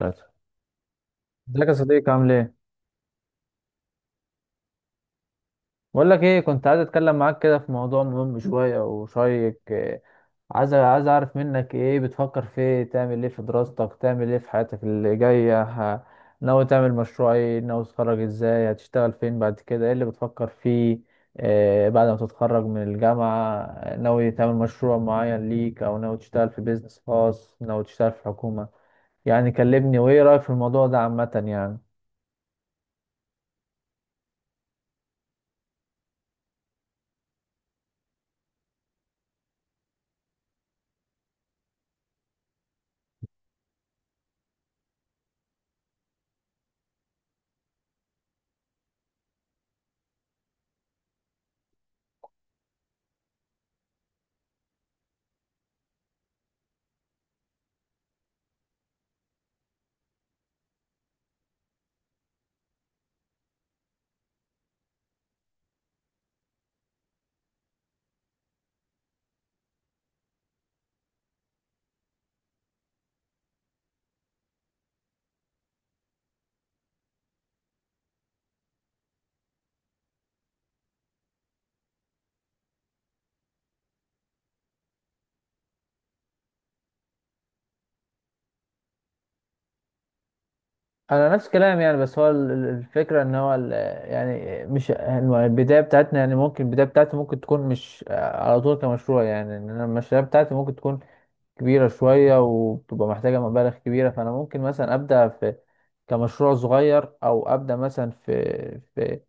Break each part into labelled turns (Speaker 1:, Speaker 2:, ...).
Speaker 1: ثلاثة. ازيك يا صديقي؟ عامل ايه؟ بقول لك ايه، كنت عايز اتكلم معاك كده في موضوع مهم شوية وشيق. إيه، عايز عايز اعرف منك ايه بتفكر، في ايه تعمل، ايه في دراستك، تعمل ايه في حياتك اللي جاية؟ ناوي تعمل مشروع ايه؟ ناوي تتخرج ازاي؟ هتشتغل فين بعد كده؟ ايه اللي بتفكر فيه إيه بعد ما تتخرج من الجامعة؟ ناوي تعمل مشروع معين ليك او ناوي تشتغل في بيزنس خاص، ناوي تشتغل في حكومة؟ يعني كلمني، وايه رأيك في الموضوع ده عامة يعني. انا نفس كلام يعني، بس هو الفكره ان يعني مش البدايه بتاعتنا، يعني ممكن البدايه بتاعتي ممكن تكون مش على طول كمشروع، يعني ان انا المشاريع بتاعتي ممكن تكون كبيره شويه وبتبقى محتاجه مبالغ كبيره. فانا ممكن مثلا ابدا في كمشروع صغير او ابدا مثلا في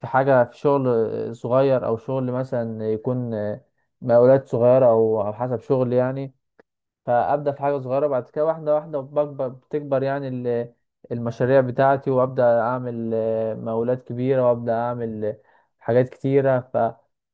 Speaker 1: في حاجه، في شغل صغير، او شغل مثلا يكون مقاولات صغيره او او حسب شغل يعني. فابدا في حاجه صغيره، بعد كده واحده واحده بكبر بتكبر يعني المشاريع بتاعتي، وابدا اعمل مقاولات كبيره، وابدا اعمل حاجات كتيره. ف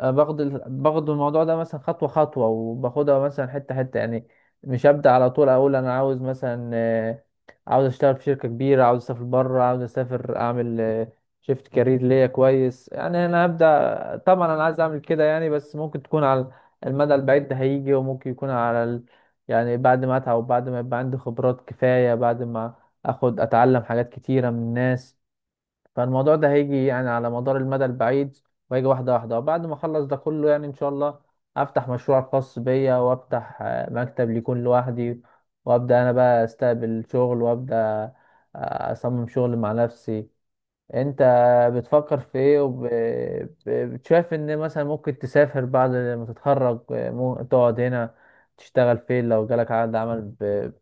Speaker 1: آه، باخد باخد الموضوع ده مثلا خطوه خطوه، وباخدها مثلا حته حته يعني. مش ابدا على طول اقول انا عاوز مثلا عاوز اشتغل في شركه كبيره، عاوز اسافر بره، عاوز اسافر اعمل شيفت كارير ليا كويس يعني. انا هبدا طبعا، انا عايز اعمل كده يعني، بس ممكن تكون على المدى البعيد. ده هيجي وممكن يكون على يعني بعد ما اتعب، وبعد ما يبقى عندي خبرات كفاية، بعد ما اخد اتعلم حاجات كتيرة من الناس. فالموضوع ده هيجي يعني على مدار المدى البعيد، وهيجي واحدة واحدة. وبعد ما اخلص ده كله يعني ان شاء الله افتح مشروع خاص بيا، وافتح مكتب ليكون لوحدي، وابدا انا بقى استقبل شغل، وابدا اصمم شغل مع نفسي. انت بتفكر في ايه؟ وبتشايف ان مثلا ممكن تسافر بعد ما تتخرج، تقعد هنا تشتغل فين؟ لو جالك عقد عمل ب...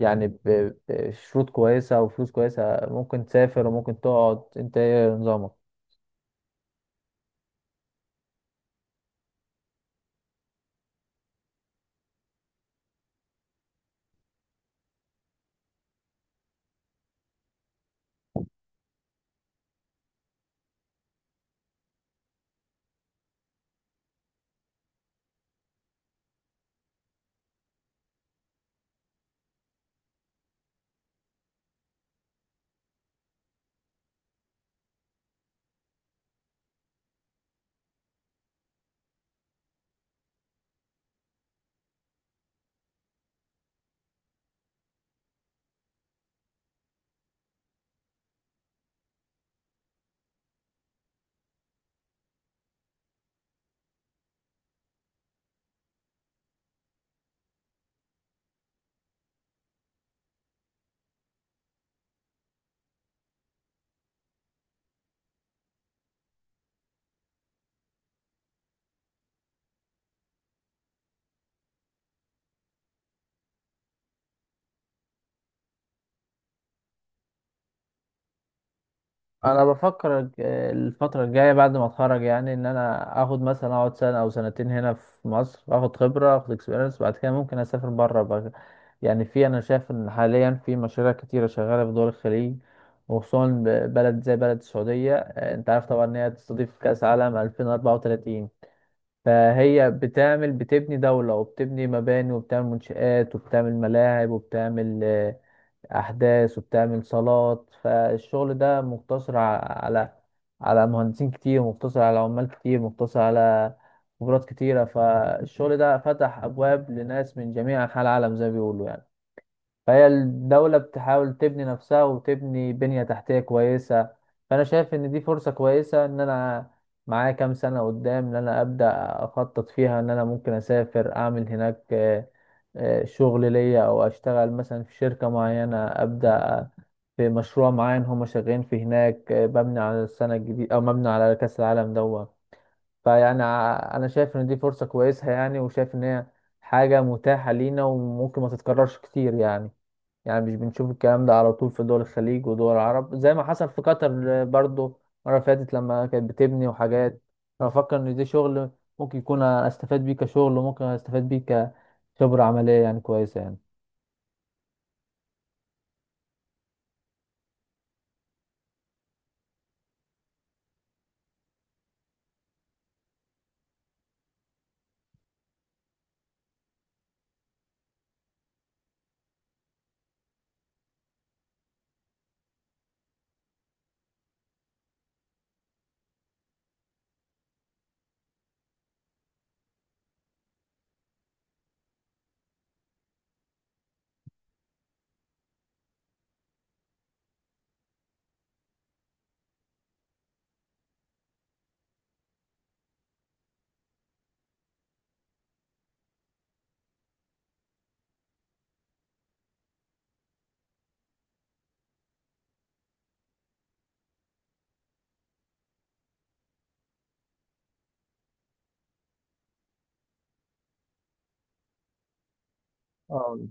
Speaker 1: يعني ب... بشروط كويسة وفلوس كويسة، ممكن تسافر وممكن تقعد؟ انت ايه نظامك؟ انا بفكر الفتره الجايه بعد ما اتخرج، يعني ان انا اخد مثلا اقعد سنه او سنتين هنا في مصر، اخد خبره، اخد اكسبيرينس، بعد كده ممكن اسافر بره بقى. يعني في، انا شايف ان حاليا في مشاريع كتيره شغاله في دول الخليج، وخصوصا بلد زي بلد السعوديه. انت عارف طبعا ان هي تستضيف كاس عالم 2034، فهي بتعمل، بتبني دوله، وبتبني مباني، وبتعمل منشآت، وبتعمل ملاعب، وبتعمل احداث، وبتعمل صالات. فالشغل ده مقتصر على على مهندسين كتير، مقتصر على عمال كتير، مقتصر على خبرات كتيرة. فالشغل ده فتح ابواب لناس من جميع انحاء العالم زي ما بيقولوا يعني. فهي الدولة بتحاول تبني نفسها وتبني بنية تحتية كويسة. فأنا شايف إن دي فرصة كويسة، إن أنا معايا كام سنة قدام إن أنا أبدأ أخطط فيها، إن أنا ممكن أسافر أعمل هناك شغل ليا، أو أشتغل مثلا في شركة معينة، أبدأ في مشروع معين هما شغالين فيه هناك، مبني على السنة الجديدة أو مبني على كأس العالم دوت. فيعني أنا شايف إن دي فرصة كويسة يعني، وشايف إن هي حاجة متاحة لينا، وممكن ما تتكررش كتير يعني. يعني مش بنشوف الكلام ده على طول في دول الخليج ودول العرب، زي ما حصل في قطر برضو المرة اللي فاتت لما كانت بتبني وحاجات. أنا بفكر إن ده شغل ممكن يكون أستفاد بيه كشغل، وممكن أستفاد بيه كخبرة عملية يعني كويسة يعني. اه.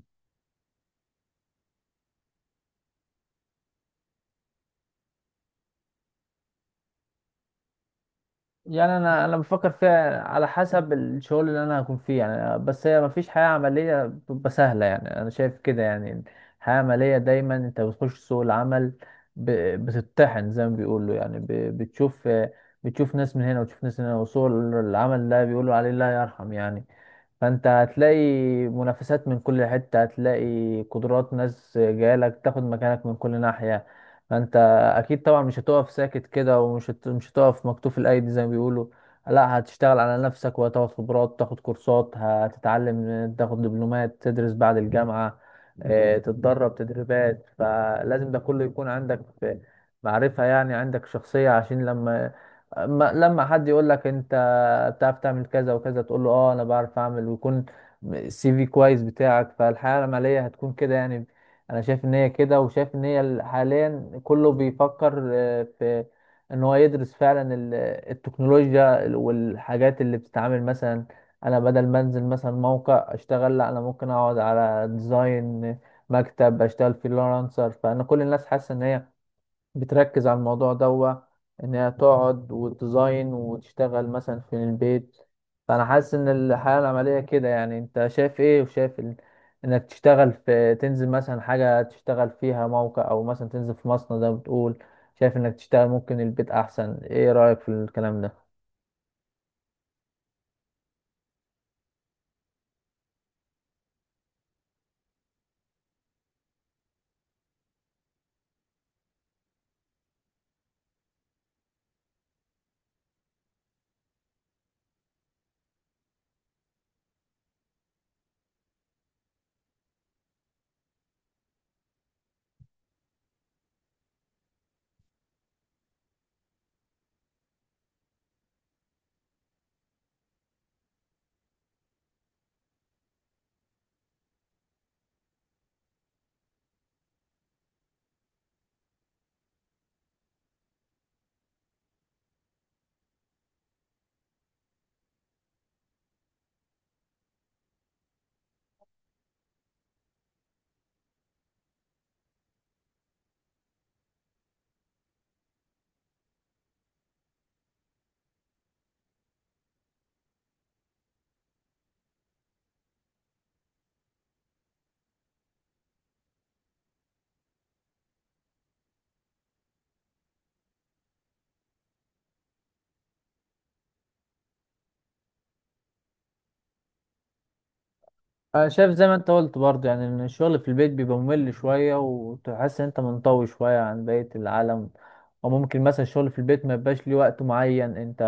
Speaker 1: يعني انا بفكر فيها على حسب الشغل اللي انا هكون فيه يعني، بس هي مفيش حياة عملية بتبقى سهلة يعني، انا شايف كده يعني. الحياة العملية دايما انت بتخش سوق العمل، ب- بتتطحن زي ما بيقولوا يعني. بتشوف ناس من هنا وتشوف ناس من هنا، وسوق العمل ده بيقولوا عليه لا يرحم يعني. فانت هتلاقي منافسات من كل حتة، هتلاقي قدرات ناس جايلك تاخد مكانك من كل ناحية. فانت اكيد طبعا مش هتقف ساكت كده، ومش هت... مش هتقف مكتوف الايدي زي ما بيقولوا. لا، هتشتغل على نفسك، وهتاخد خبرات، تاخد كورسات، هتتعلم، تاخد دبلومات، تدرس بعد الجامعة، تتدرب تدريبات. فلازم ده كله يكون عندك في معرفة يعني، عندك شخصية، عشان لما لما حد يقول لك انت بتعرف تعمل كذا وكذا، تقول له اه انا بعرف اعمل، ويكون السي في كويس بتاعك. فالحياة العملية هتكون كده يعني. انا شايف ان هي كده، وشايف ان هي حاليا كله بيفكر في ان هو يدرس فعلا التكنولوجيا والحاجات اللي بتتعامل. مثلا انا بدل ما انزل مثلا موقع اشتغل، لا، انا ممكن اقعد على ديزاين مكتب، اشتغل فريلانسر. فانا كل الناس حاسه ان هي بتركز على الموضوع دوا، انها تقعد وتديزاين وتشتغل مثلا في البيت. فانا حاسس ان الحياة العملية كده يعني. انت شايف ايه؟ وشايف ال... انك تشتغل في، تنزل مثلا حاجة تشتغل فيها موقع، او مثلا تنزل في مصنع زي ما بتقول؟ شايف انك تشتغل ممكن البيت احسن؟ ايه رأيك في الكلام ده؟ أنا شايف زي ما انت قلت برضه يعني، ان الشغل في البيت بيبقى ممل شوية، وتحس ان انت منطوي شوية عن بقية العالم. وممكن مثلا الشغل في البيت ما يبقاش ليه وقت معين، انت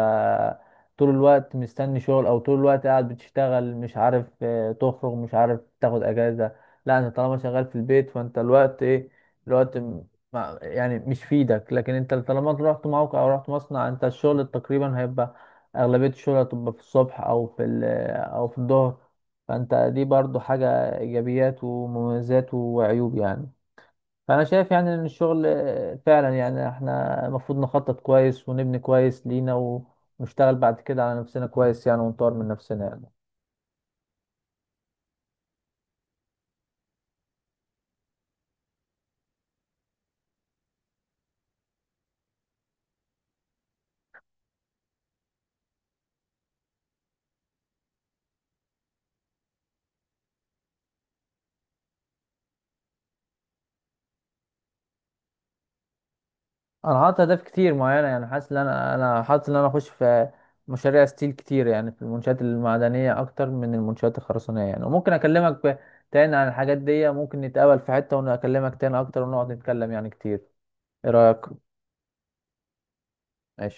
Speaker 1: طول الوقت مستني شغل، او طول الوقت قاعد بتشتغل، مش عارف تخرج، مش عارف تاخد اجازة. لا، انت طالما شغال في البيت فانت الوقت ايه، الوقت م- يعني مش في ايدك. لكن انت طالما رحت موقع او رحت مصنع، انت الشغل تقريبا هيبقى اغلبية الشغل هتبقى في الصبح او في او في الظهر. فانت دي برضو حاجة ايجابيات ومميزات وعيوب يعني. فانا شايف يعني ان الشغل فعلا يعني احنا المفروض نخطط كويس، ونبني كويس لينا، ونشتغل بعد كده على نفسنا كويس يعني، ونطور من نفسنا يعني. انا حاطط اهداف كتير معينة يعني، حاسس ان انا حاطط ان انا اخش في مشاريع ستيل كتير يعني، في المنشآت المعدنية اكتر من المنشآت الخرسانية يعني. وممكن اكلمك تاني عن الحاجات دي، ممكن نتقابل في حتة وانا اكلمك تاني اكتر ونقعد نتكلم يعني كتير. ايه رأيك؟ ماشي.